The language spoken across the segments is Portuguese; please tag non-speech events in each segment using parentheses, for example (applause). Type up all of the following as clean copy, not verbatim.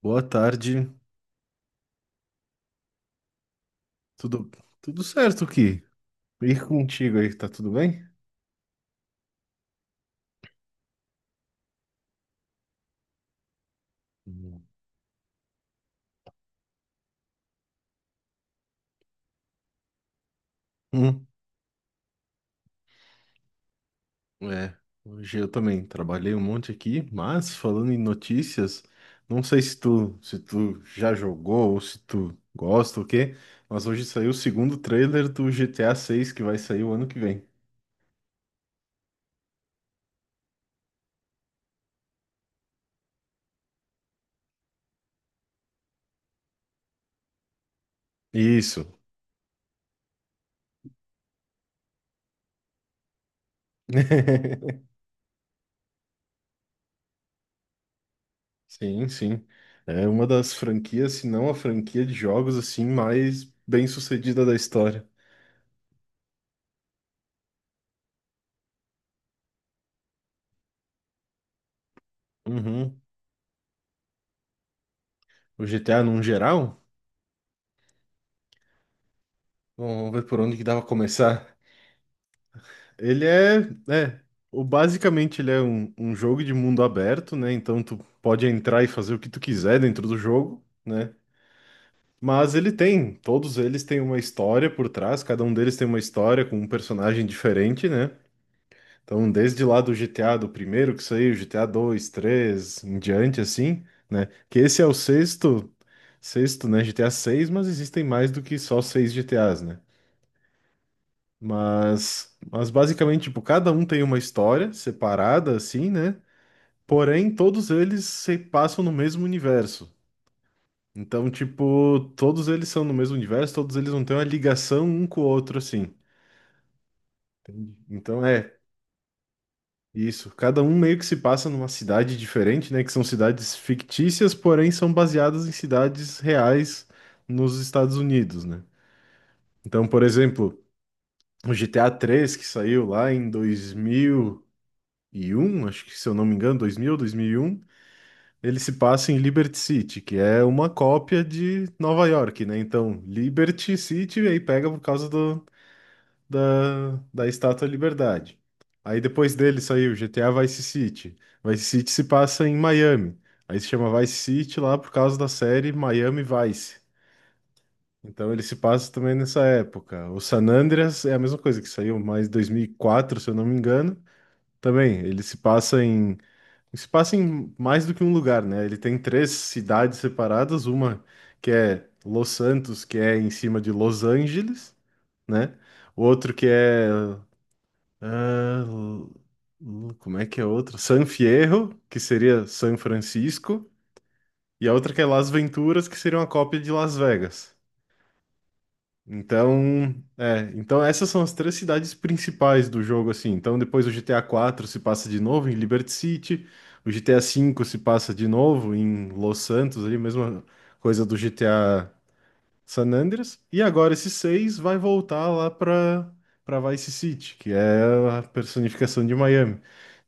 Boa tarde. Tudo. Tudo certo aqui? E contigo aí, tá tudo bem? Hum. Hum. É, hoje eu também trabalhei um monte aqui, mas falando em notícias, não sei se tu já jogou ou se tu gosta ou o quê, mas hoje saiu o segundo trailer do GTA 6 que vai sair o ano que vem. Isso. (laughs) Sim, sim. É uma das franquias, se não a franquia de jogos assim mais bem-sucedida da história. Uhum. O GTA num geral? Vamos ver por onde que dava começar. Ele é, é, o Basicamente ele é um jogo de mundo aberto, né? Então tu pode entrar e fazer o que tu quiser dentro do jogo, né? Mas ele tem, todos eles têm uma história por trás, cada um deles tem uma história com um personagem diferente, né? Então, desde lá do GTA do primeiro que saiu, GTA 2 3 em diante assim, né? Que esse é o sexto, né, GTA seis, mas existem mais do que só seis GTAs, né? Mas basicamente, tipo, cada um tem uma história separada, assim, né? Porém, todos eles se passam no mesmo universo. Então, tipo, todos eles são no mesmo universo, todos eles não têm uma ligação um com o outro, assim. Então, é isso. Cada um meio que se passa numa cidade diferente, né? Que são cidades fictícias, porém são baseadas em cidades reais nos Estados Unidos, né? Então, por exemplo, o GTA 3 que saiu lá em 2001, acho que se eu não me engano, 2000, 2001, ele se passa em Liberty City, que é uma cópia de Nova York, né? Então, Liberty City aí pega por causa da Estátua da Liberdade. Aí depois dele saiu GTA Vice City. Vice City se passa em Miami. Aí se chama Vice City lá por causa da série Miami Vice. Então ele se passa também nessa época. O San Andreas é a mesma coisa que saiu mais 2004, se eu não me engano. Também, ele se passa em mais do que um lugar, né? Ele tem três cidades separadas, uma que é Los Santos, que é em cima de Los Angeles, né? O outro que é, ah, l- como é que é outro? San Fierro, que seria San Francisco, e a outra que é Las Venturas, que seria uma cópia de Las Vegas. Então, então essas são as três cidades principais do jogo, assim. Então depois o GTA 4 se passa de novo em Liberty City, o GTA 5 se passa de novo em Los Santos, ali mesma coisa do GTA San Andreas. E agora esse seis vai voltar lá para Vice City, que é a personificação de Miami.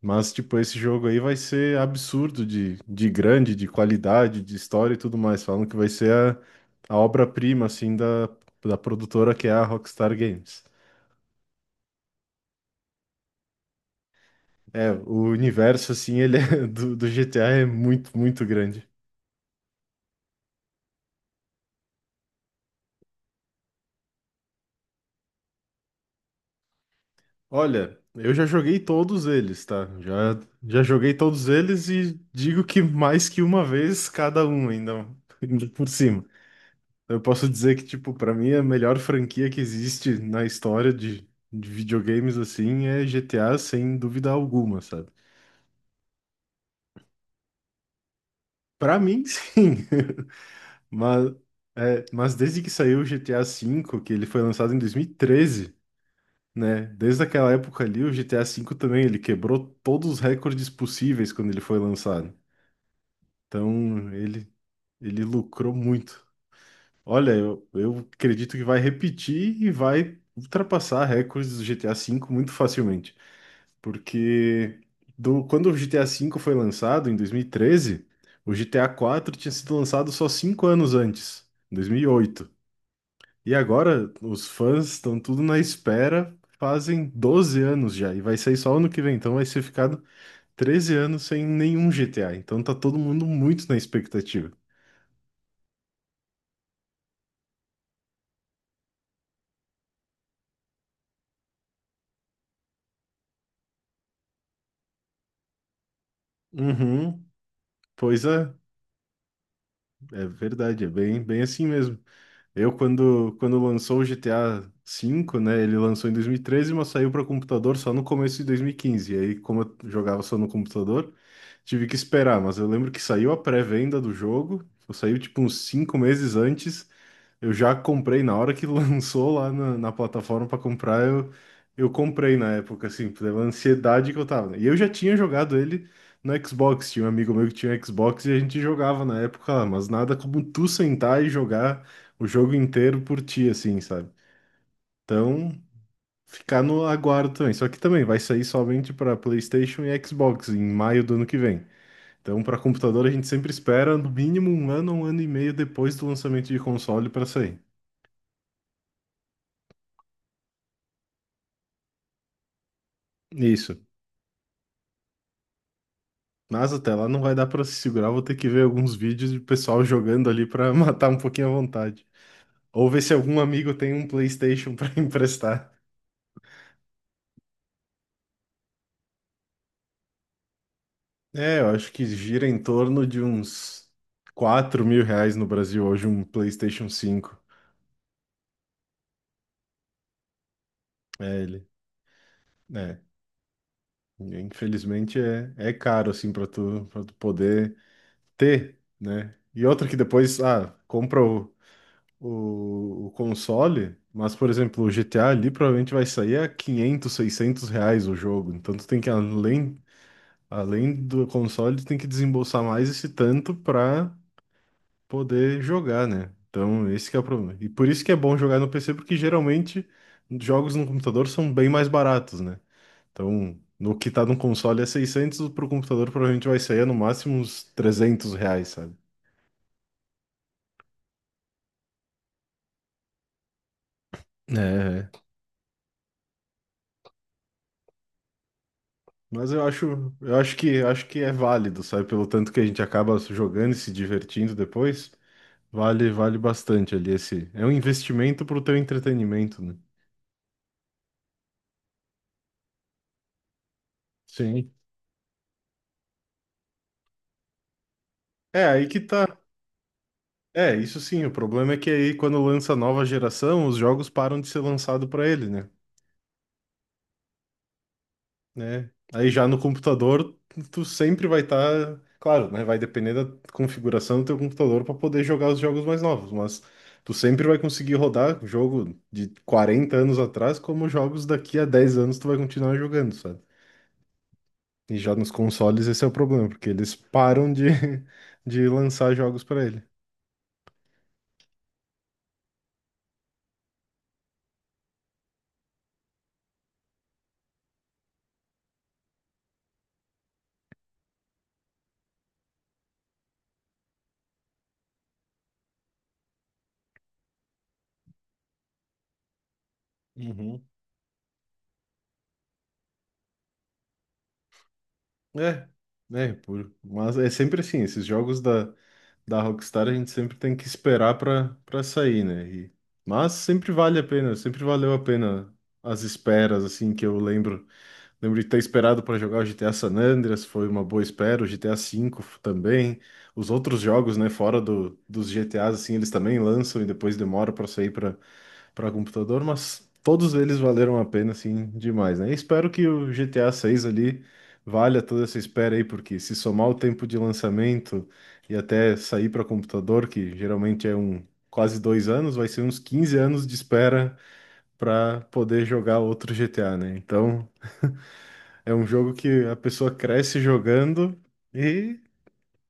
Mas, tipo, esse jogo aí vai ser absurdo de grande, de qualidade, de história e tudo mais. Falam que vai ser a obra-prima, assim, da produtora que é a Rockstar Games. É, o universo, assim, ele é, (laughs) do GTA é muito, muito grande. Olha, eu já joguei todos eles, tá? Já joguei todos eles e digo que mais que uma vez cada um ainda, (laughs) ainda por cima. Eu posso dizer que, tipo, pra mim a melhor franquia que existe na história de videogames, assim, é GTA, sem dúvida alguma, sabe? Pra mim, (laughs) sim. Mas, mas desde que saiu o GTA V, que ele foi lançado em 2013, né? Desde aquela época ali, o GTA V também, ele quebrou todos os recordes possíveis quando ele foi lançado. Então, ele lucrou muito. Olha, eu acredito que vai repetir e vai ultrapassar recordes do GTA V muito facilmente. Porque quando o GTA V foi lançado, em 2013, o GTA IV tinha sido lançado só 5 anos antes, em 2008, e agora os fãs estão tudo na espera, fazem 12 anos já, e vai sair só ano que vem. Então vai ser ficado 13 anos sem nenhum GTA. Então tá todo mundo muito na expectativa. Uhum, pois é. É verdade, é bem, bem assim mesmo. Eu, quando lançou o GTA V, né? Ele lançou em 2013, mas saiu para computador só no começo de 2015. E quinze. E aí, como eu jogava só no computador, tive que esperar. Mas eu lembro que saiu a pré-venda do jogo, saiu tipo uns 5 meses antes. Eu já comprei na hora que (laughs) lançou lá na plataforma para comprar. Eu comprei na época, assim, pela ansiedade que eu tava, né? E eu já tinha jogado ele no Xbox. Tinha um amigo meu que tinha Xbox e a gente jogava na época lá, mas nada como tu sentar e jogar o jogo inteiro por ti, assim, sabe? Então, ficar no aguardo também. Só que também vai sair somente para PlayStation e Xbox em maio do ano que vem. Então, para computador, a gente sempre espera no mínimo um ano e meio depois do lançamento de console para sair. Isso. Mas até lá não vai dar para se segurar, vou ter que ver alguns vídeos de pessoal jogando ali para (laughs) matar um pouquinho a vontade. Ou ver se algum amigo tem um PlayStation para (laughs) emprestar. É, eu acho que gira em torno de uns R$ 4.000 no Brasil hoje um PlayStation 5. É, ele, né? Infelizmente é caro, assim, para tu poder ter, né? E outra que depois, compra o console, mas, por exemplo, o GTA ali provavelmente vai sair a quinhentos, 600 reais o jogo. Então tu tem que, além do console, tu tem que desembolsar mais esse tanto para poder jogar, né? Então, esse que é o problema. E por isso que é bom jogar no PC, porque geralmente jogos no computador são bem mais baratos, né? Então, no que tá no console é 600, pro computador provavelmente vai sair no máximo uns R$ 300, sabe? É, mas acho que é válido, sabe? Pelo tanto que a gente acaba jogando e se divertindo depois, vale bastante ali esse. É um investimento pro teu entretenimento, né? Sim. É, aí que tá. É, isso sim. O problema é que aí, quando lança a nova geração, os jogos param de ser lançados para ele, né? Né? Aí já no computador, tu sempre vai estar. Claro, né? Vai depender da configuração do teu computador para poder jogar os jogos mais novos, mas tu sempre vai conseguir rodar jogo de 40 anos atrás, como jogos daqui a 10 anos tu vai continuar jogando, sabe? E já nos consoles esse é o problema, porque eles param de, (laughs) de lançar jogos para ele. Uhum. É, né, por, mas é sempre assim, esses jogos da Rockstar a gente sempre tem que esperar para sair, né? E- mas sempre vale a pena, sempre valeu a pena as esperas, assim, que eu lembro. Lembro de ter esperado para jogar o GTA San Andreas, foi uma boa espera, o GTA V também. Os outros jogos, né, fora dos GTAs, assim, eles também lançam e depois demora para sair para computador, mas todos eles valeram a pena, assim, demais, né? E espero que o GTA 6 ali valha toda essa espera aí, porque se somar o tempo de lançamento e até sair para computador, que geralmente é quase 2 anos, vai ser uns 15 anos de espera para poder jogar outro GTA, né? Então é um jogo que a pessoa cresce jogando e.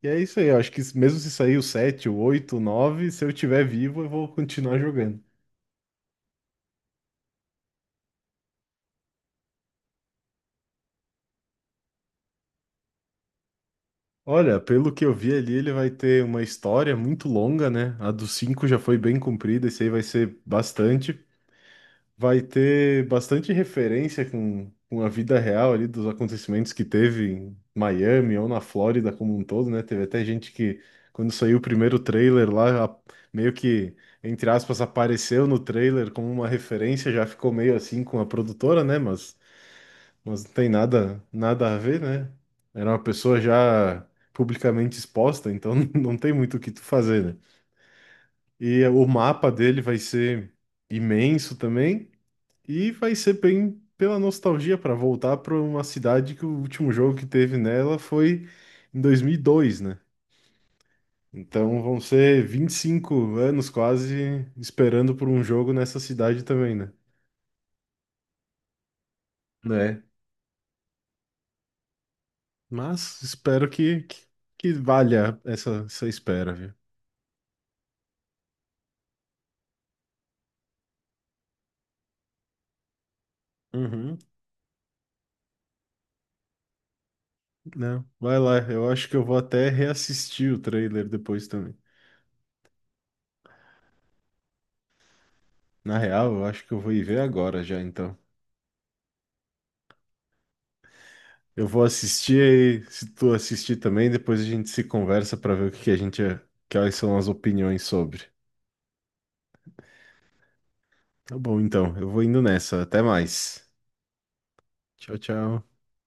E é isso aí, eu acho que mesmo se sair o 7, o 8, o 9, se eu tiver vivo, eu vou continuar jogando. Olha, pelo que eu vi ali, ele vai ter uma história muito longa, né? A dos cinco já foi bem comprida, esse aí vai ser bastante. Vai ter bastante referência com a vida real ali dos acontecimentos que teve em Miami ou na Flórida como um todo, né? Teve até gente que, quando saiu o primeiro trailer lá, meio que, entre aspas, apareceu no trailer como uma referência, já ficou meio assim com a produtora, né? Mas. Mas não tem nada, nada a ver, né? Era uma pessoa já publicamente exposta, então (laughs) não tem muito o que tu fazer, né? E o mapa dele vai ser imenso também e vai ser bem pela nostalgia para voltar para uma cidade que o último jogo que teve nela foi em 2002, né? Então vão ser 25 anos quase esperando por um jogo nessa cidade também, né? Né? Mas espero que, valha essa espera, viu? Uhum, né? Vai lá, eu acho que eu vou até reassistir o trailer depois também. Na real, eu acho que eu vou ir ver agora já, então. Eu vou assistir e se tu assistir também, depois a gente se conversa pra ver o que que a gente, quais são as opiniões sobre. Tá bom, então, eu vou indo nessa. Até mais. Tchau, tchau.